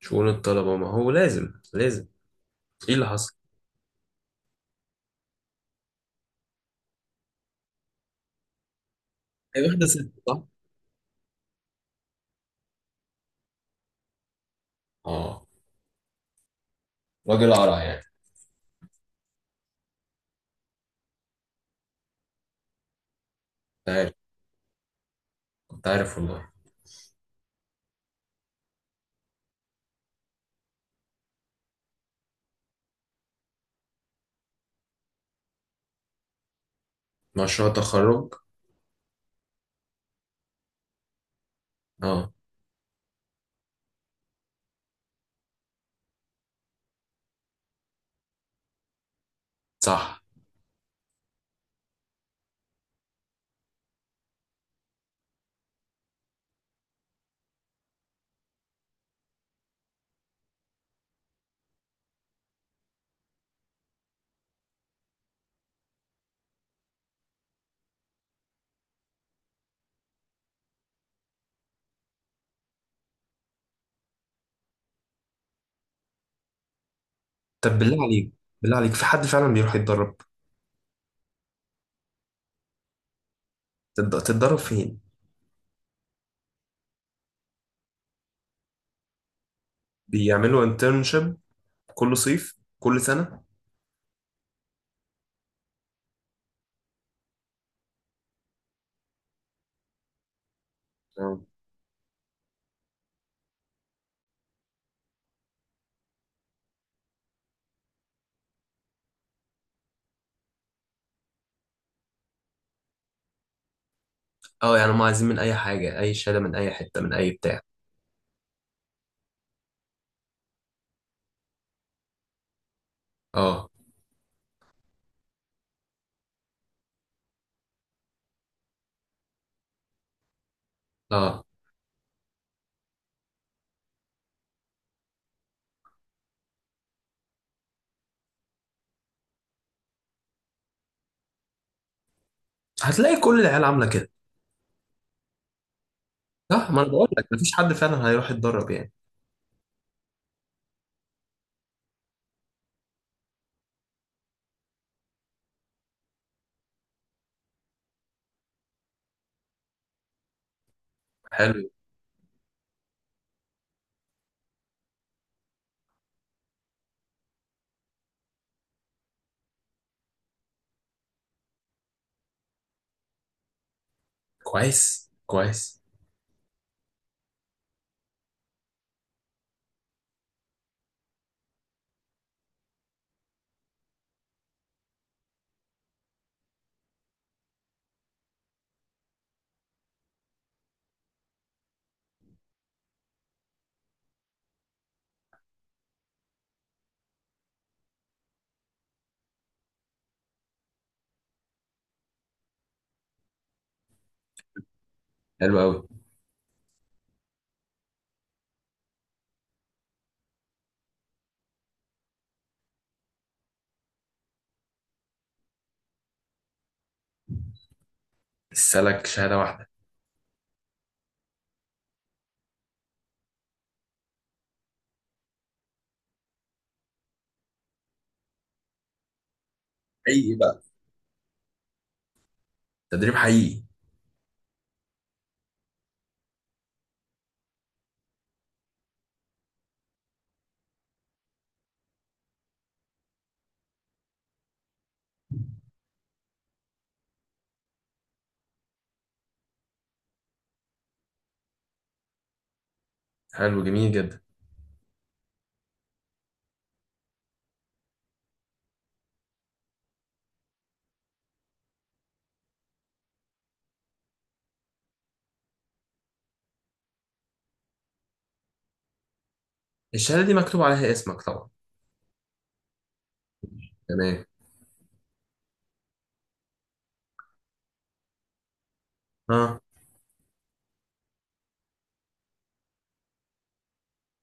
شؤون الطلبة، ما هو لازم لازم. ايه اللي حصل؟ هي واخدة ست، صح؟ اه. راجل قرع يعني. كنت عارف، كنت عارف والله. مشروع تخرج. اه. صح. طب بالله عليك، بالله عليك، في حد فعلا بيروح يتدرب؟ تتدرب فين؟ بيعملوا انترنشيب كل صيف، كل سنة. اه. اه، يعني هم عايزين من اي حاجة، اي شهادة، من اي حتة، من اي بتاع. اه اه. هتلاقي كل العيال عاملة كده. صح، ما انا بقول لك مفيش حد فعلا هيروح يتدرب يعني. حلو. كويس، كويس. حلو قوي. السلك شهادة واحدة. حقيقي بقى؟ تدريب حقيقي؟ حلو، جميل جدا. الشهادة دي مكتوب عليها اسمك طبعا. تمام. اه.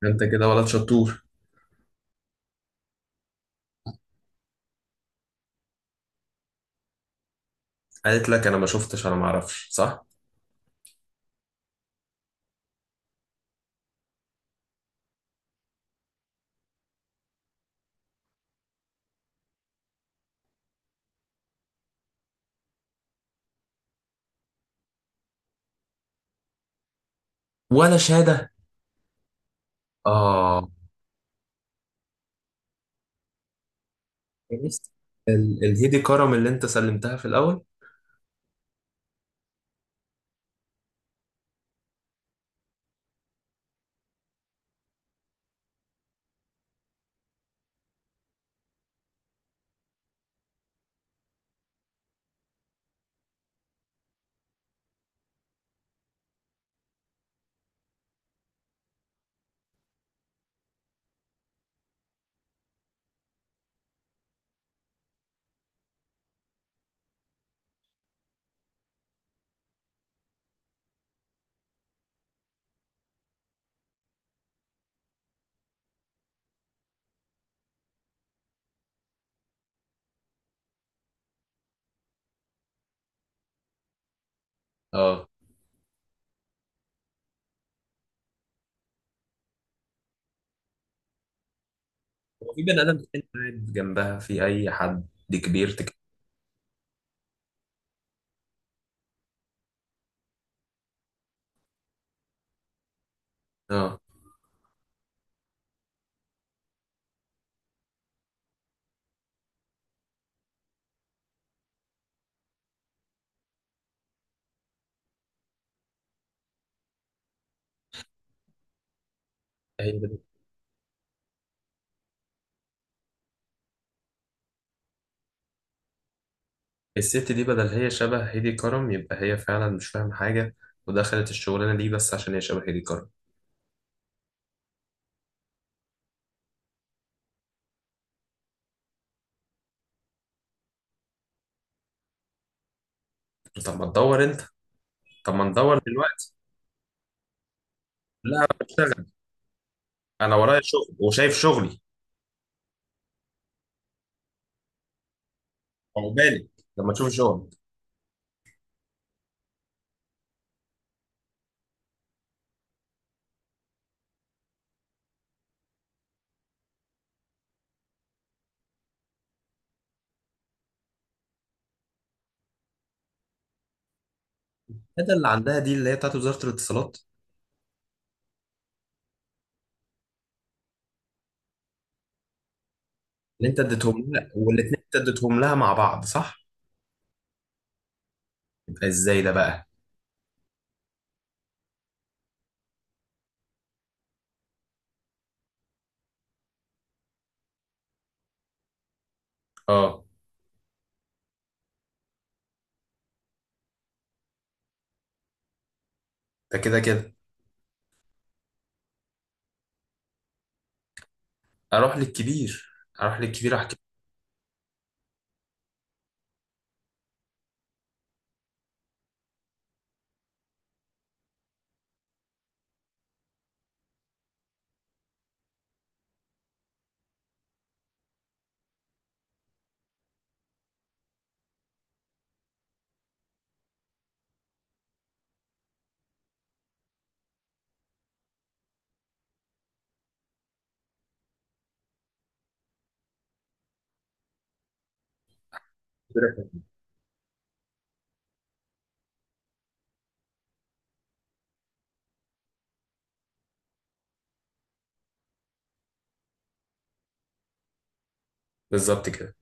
انت كده ولد شطور. قالت لك انا ما شفتش، انا ما اعرفش، صح؟ ولا شهادة. اه. عرفت؟ الهيدي كرم اللي انت سلمتها في الاول؟ اه. هو في بني ادم تاني قاعد جنبها، في اي حد كبير اه. هي بدل. الست دي بدل، هي شبه هيدي كرم، يبقى هي فعلا مش فاهمة حاجة. ودخلت الشغلانة دي بس عشان هي شبه هيدي كرم. طب ما تدور انت. طب ما ندور دلوقتي. لا انا بشتغل. انا ورايا شغل وشايف شغلي. عقبالي لما تشوف شغل. ده اللي عندها دي اللي هي بتاعت وزارة الاتصالات؟ اللي انت اديتهم لها، والاتنين انت اديتهم لها مع بعض، صح؟ يبقى ازاي ده بقى؟ اه. ده كده كده. اروح للكبير، اروح للكبير احكي له. كده. بالظبط كده.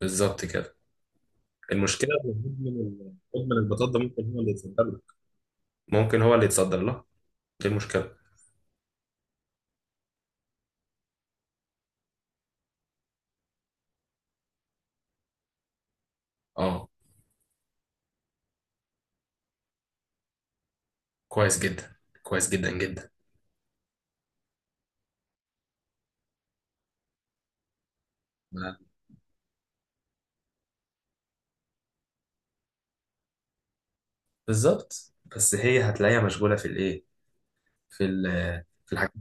بالظبط كده. المشكلة إن مدمن البطاطا ممكن هو اللي يتصدر له. ممكن هو اللي يتصدر لها. دي المشكلة. اه. كويس جدا. كويس جدا جدا. بالظبط، بس هي هتلاقيها مشغولة في الايه، في ال في الحاجات.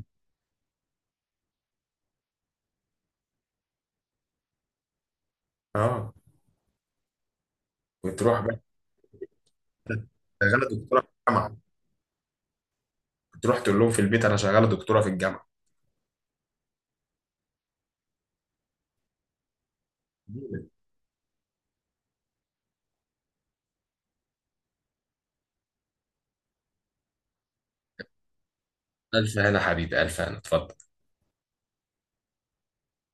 اه. وتروح بقى شغاله دكتوره في الجامعه. تروح تقول لهم في البيت انا شغاله دكتوره في الجامعه. الف هنا حبيبي، الف هنا، اتفضل.